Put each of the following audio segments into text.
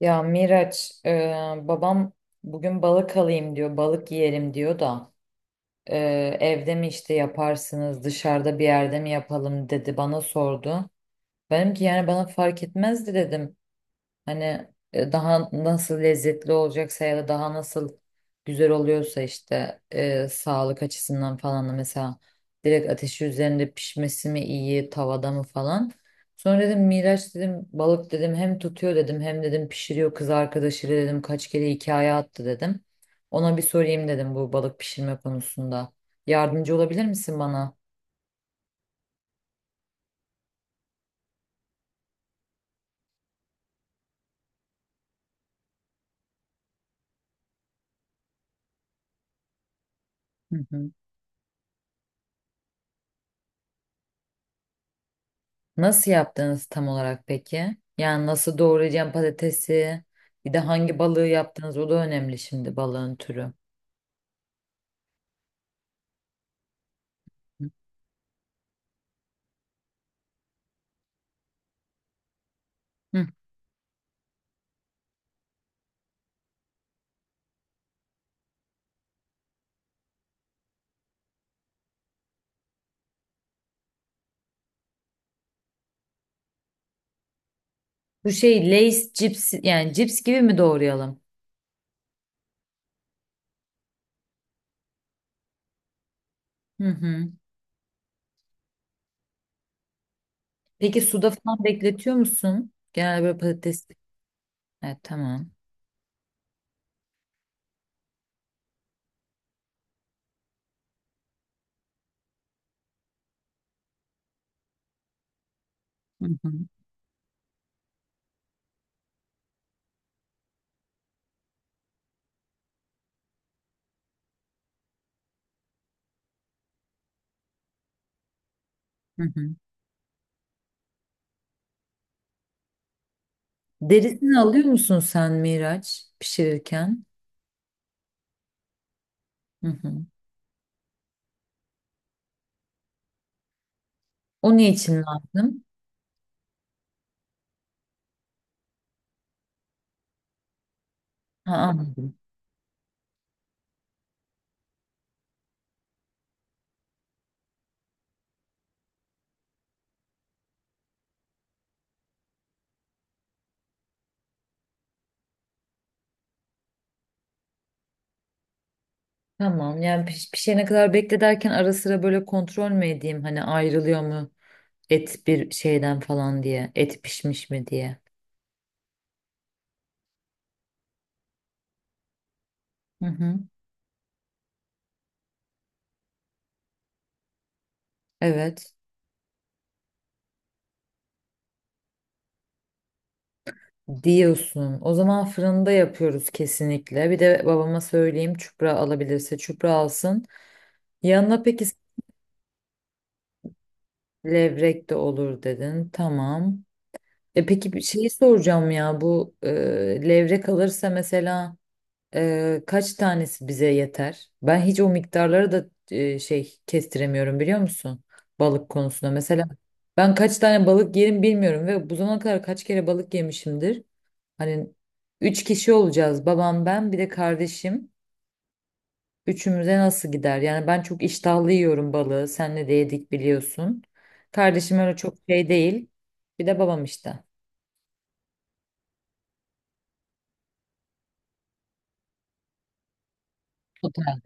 Ya Miraç, babam bugün balık alayım diyor, balık yiyelim diyor da, e, evde mi işte yaparsınız, dışarıda bir yerde mi yapalım dedi, bana sordu. Benim ki yani bana fark etmezdi dedim. Hani daha nasıl lezzetli olacaksa ya da daha nasıl güzel oluyorsa işte, sağlık açısından falan da, mesela direkt ateşi üzerinde pişmesi mi iyi, tavada mı falan. Sonra dedim Miraç dedim, balık dedim, hem tutuyor dedim, hem dedim pişiriyor kız arkadaşıyla dedim, kaç kere hikaye attı dedim. Ona bir sorayım dedim bu balık pişirme konusunda. Yardımcı olabilir misin bana? Hı hı. Nasıl yaptınız tam olarak peki? Yani nasıl doğrayacağım patatesi? Bir de hangi balığı yaptınız? O da önemli şimdi, balığın türü. Hı. Bu şey Lay's cips, yani cips gibi mi doğrayalım? Hı hı. Peki suda falan bekletiyor musun? Genel böyle patates. Evet, tamam. Hı hı. Hı hı. Derisini alıyor musun sen Miraç pişirirken? Hı hı. O ne için lazım? Ha, anladım. Tamam, yani pişene kadar bekle derken, ara sıra böyle kontrol mü edeyim, hani ayrılıyor mu et bir şeyden falan diye. Et pişmiş mi diye. Hı hı. Evet. Diyorsun. O zaman fırında yapıyoruz kesinlikle. Bir de babama söyleyeyim, çupra alabilirse çupra alsın. Yanına peki levrek de olur dedin. Tamam. E peki bir şeyi soracağım ya, bu levrek alırsa mesela, kaç tanesi bize yeter? Ben hiç o miktarları da şey kestiremiyorum, biliyor musun? Balık konusunda. Mesela ben kaç tane balık yerim bilmiyorum ve bu zamana kadar kaç kere balık yemişimdir. Hani üç kişi olacağız. Babam, ben, bir de kardeşim. Üçümüze nasıl gider? Yani ben çok iştahlı yiyorum balığı. Senle de yedik biliyorsun. Kardeşim öyle çok şey değil. Bir de babam işte. Total.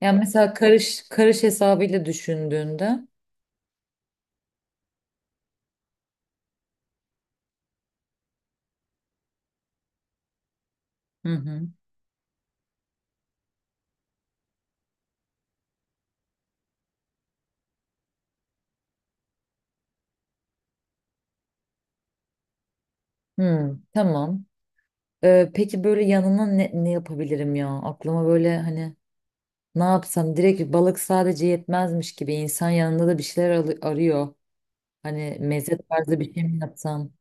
Yani mesela karış karış hesabıyla düşündüğünde. Hı hı. Hmm, tamam. Peki böyle yanına ne yapabilirim ya? Aklıma böyle hani ne yapsam direkt balık sadece yetmezmiş gibi, insan yanında da bir şeyler arıyor. Hani meze tarzı bir şey mi yapsam?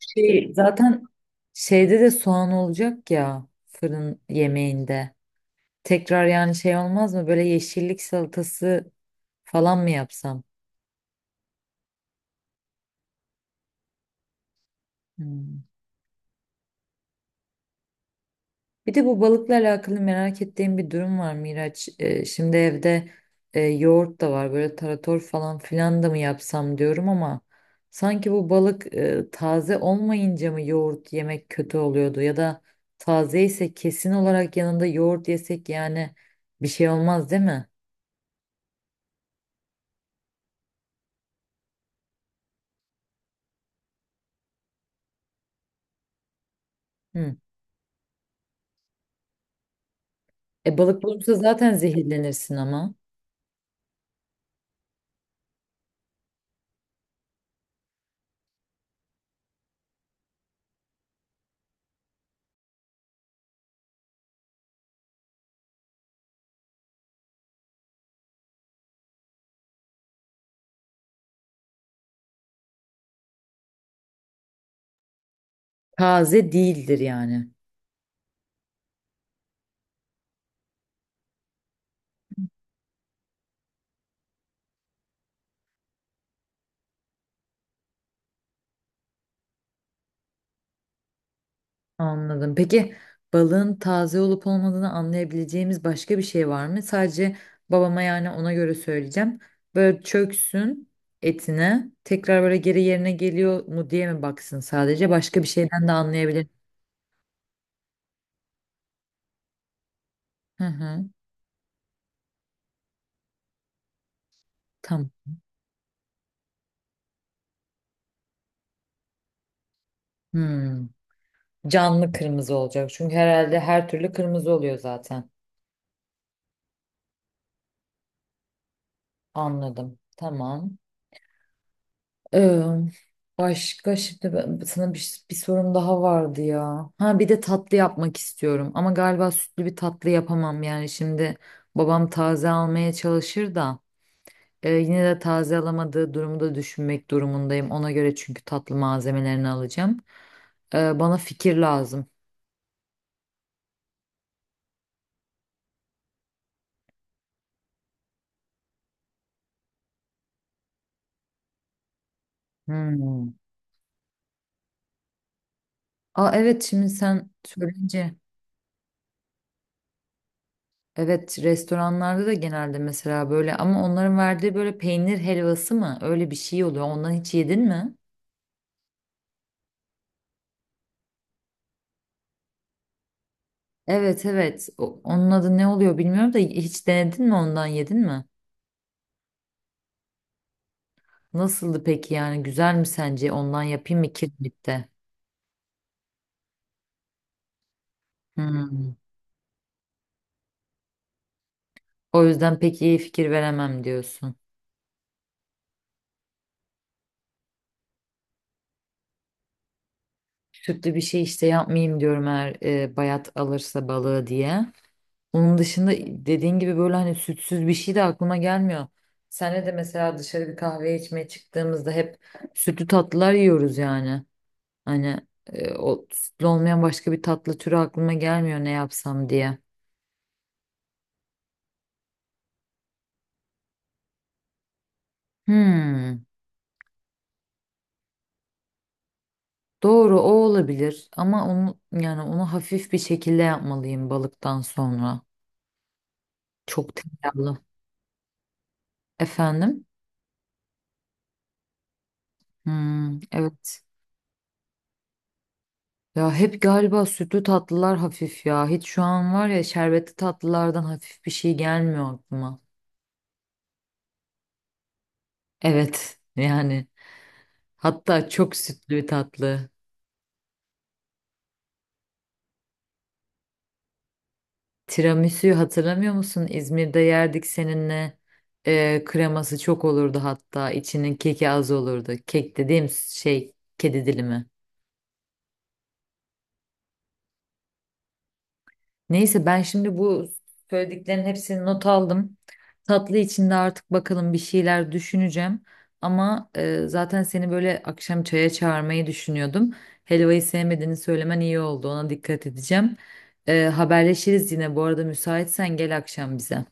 Şey, zaten şeyde de soğan olacak ya, fırın yemeğinde. Tekrar yani şey olmaz mı? Böyle yeşillik salatası falan mı yapsam? Hmm. Bir de bu balıkla alakalı merak ettiğim bir durum var Miraç. Şimdi evde yoğurt da var, böyle tarator falan filan da mı yapsam diyorum ama sanki bu balık taze olmayınca mı yoğurt yemek kötü oluyordu, ya da taze ise kesin olarak yanında yoğurt yesek yani bir şey olmaz değil mi? Hı. E balık bulursa zaten zehirlenirsin ama taze değildir yani. Anladım. Peki balığın taze olup olmadığını anlayabileceğimiz başka bir şey var mı? Sadece babama, yani ona göre söyleyeceğim. Böyle çöksün etine, tekrar böyle geri yerine geliyor mu diye mi baksın, sadece başka bir şeyden de anlayabilir. Hı hı. Tamam. Hmm. Canlı kırmızı olacak çünkü herhalde her türlü kırmızı oluyor zaten. Anladım. Tamam. Ee, Başka şimdi sana bir sorum daha vardı ya. Ha bir de tatlı yapmak istiyorum ama galiba sütlü bir tatlı yapamam, yani şimdi babam taze almaya çalışır da yine de taze alamadığı durumu da düşünmek durumundayım. Ona göre çünkü tatlı malzemelerini alacağım. Bana fikir lazım. Hmm. Aa, evet, şimdi sen söyleyince, evet, restoranlarda da genelde mesela böyle, ama onların verdiği böyle peynir helvası mı öyle bir şey oluyor. Ondan hiç yedin mi? Evet, evet. Onun adı ne oluyor bilmiyorum da, hiç denedin mi, ondan yedin mi? Nasıldı peki, yani güzel mi sence? Ondan yapayım mı kirmitte? Hmm. O yüzden pek iyi fikir veremem diyorsun. Sütlü bir şey işte yapmayayım diyorum, eğer bayat alırsa balığı diye. Onun dışında dediğin gibi böyle hani sütsüz bir şey de aklıma gelmiyor. Senle de mesela dışarı bir kahve içmeye çıktığımızda hep sütlü tatlılar yiyoruz yani. Hani o sütlü olmayan başka bir tatlı türü aklıma gelmiyor, ne yapsam diye. Hmm, doğru, o olabilir ama onu, yani onu hafif bir şekilde yapmalıyım balıktan sonra. Çok tereyağlı. Efendim? Hmm, evet. Ya hep galiba sütlü tatlılar hafif ya. Hiç şu an var ya, şerbetli tatlılardan hafif bir şey gelmiyor aklıma. Evet yani, hatta çok sütlü bir tatlı. Tiramisu'yu hatırlamıyor musun? İzmir'de yerdik seninle. Kreması çok olurdu hatta. İçinin keki az olurdu. Kek dediğim şey kedi dilimi. Neyse, ben şimdi bu söylediklerin hepsini not aldım. Tatlı içinde artık bakalım, bir şeyler düşüneceğim. Ama zaten seni böyle akşam çaya çağırmayı düşünüyordum. Helvayı sevmediğini söylemen iyi oldu. Ona dikkat edeceğim. Haberleşiriz yine. Bu arada müsaitsen gel akşam bize.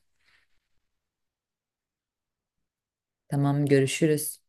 Tamam, görüşürüz.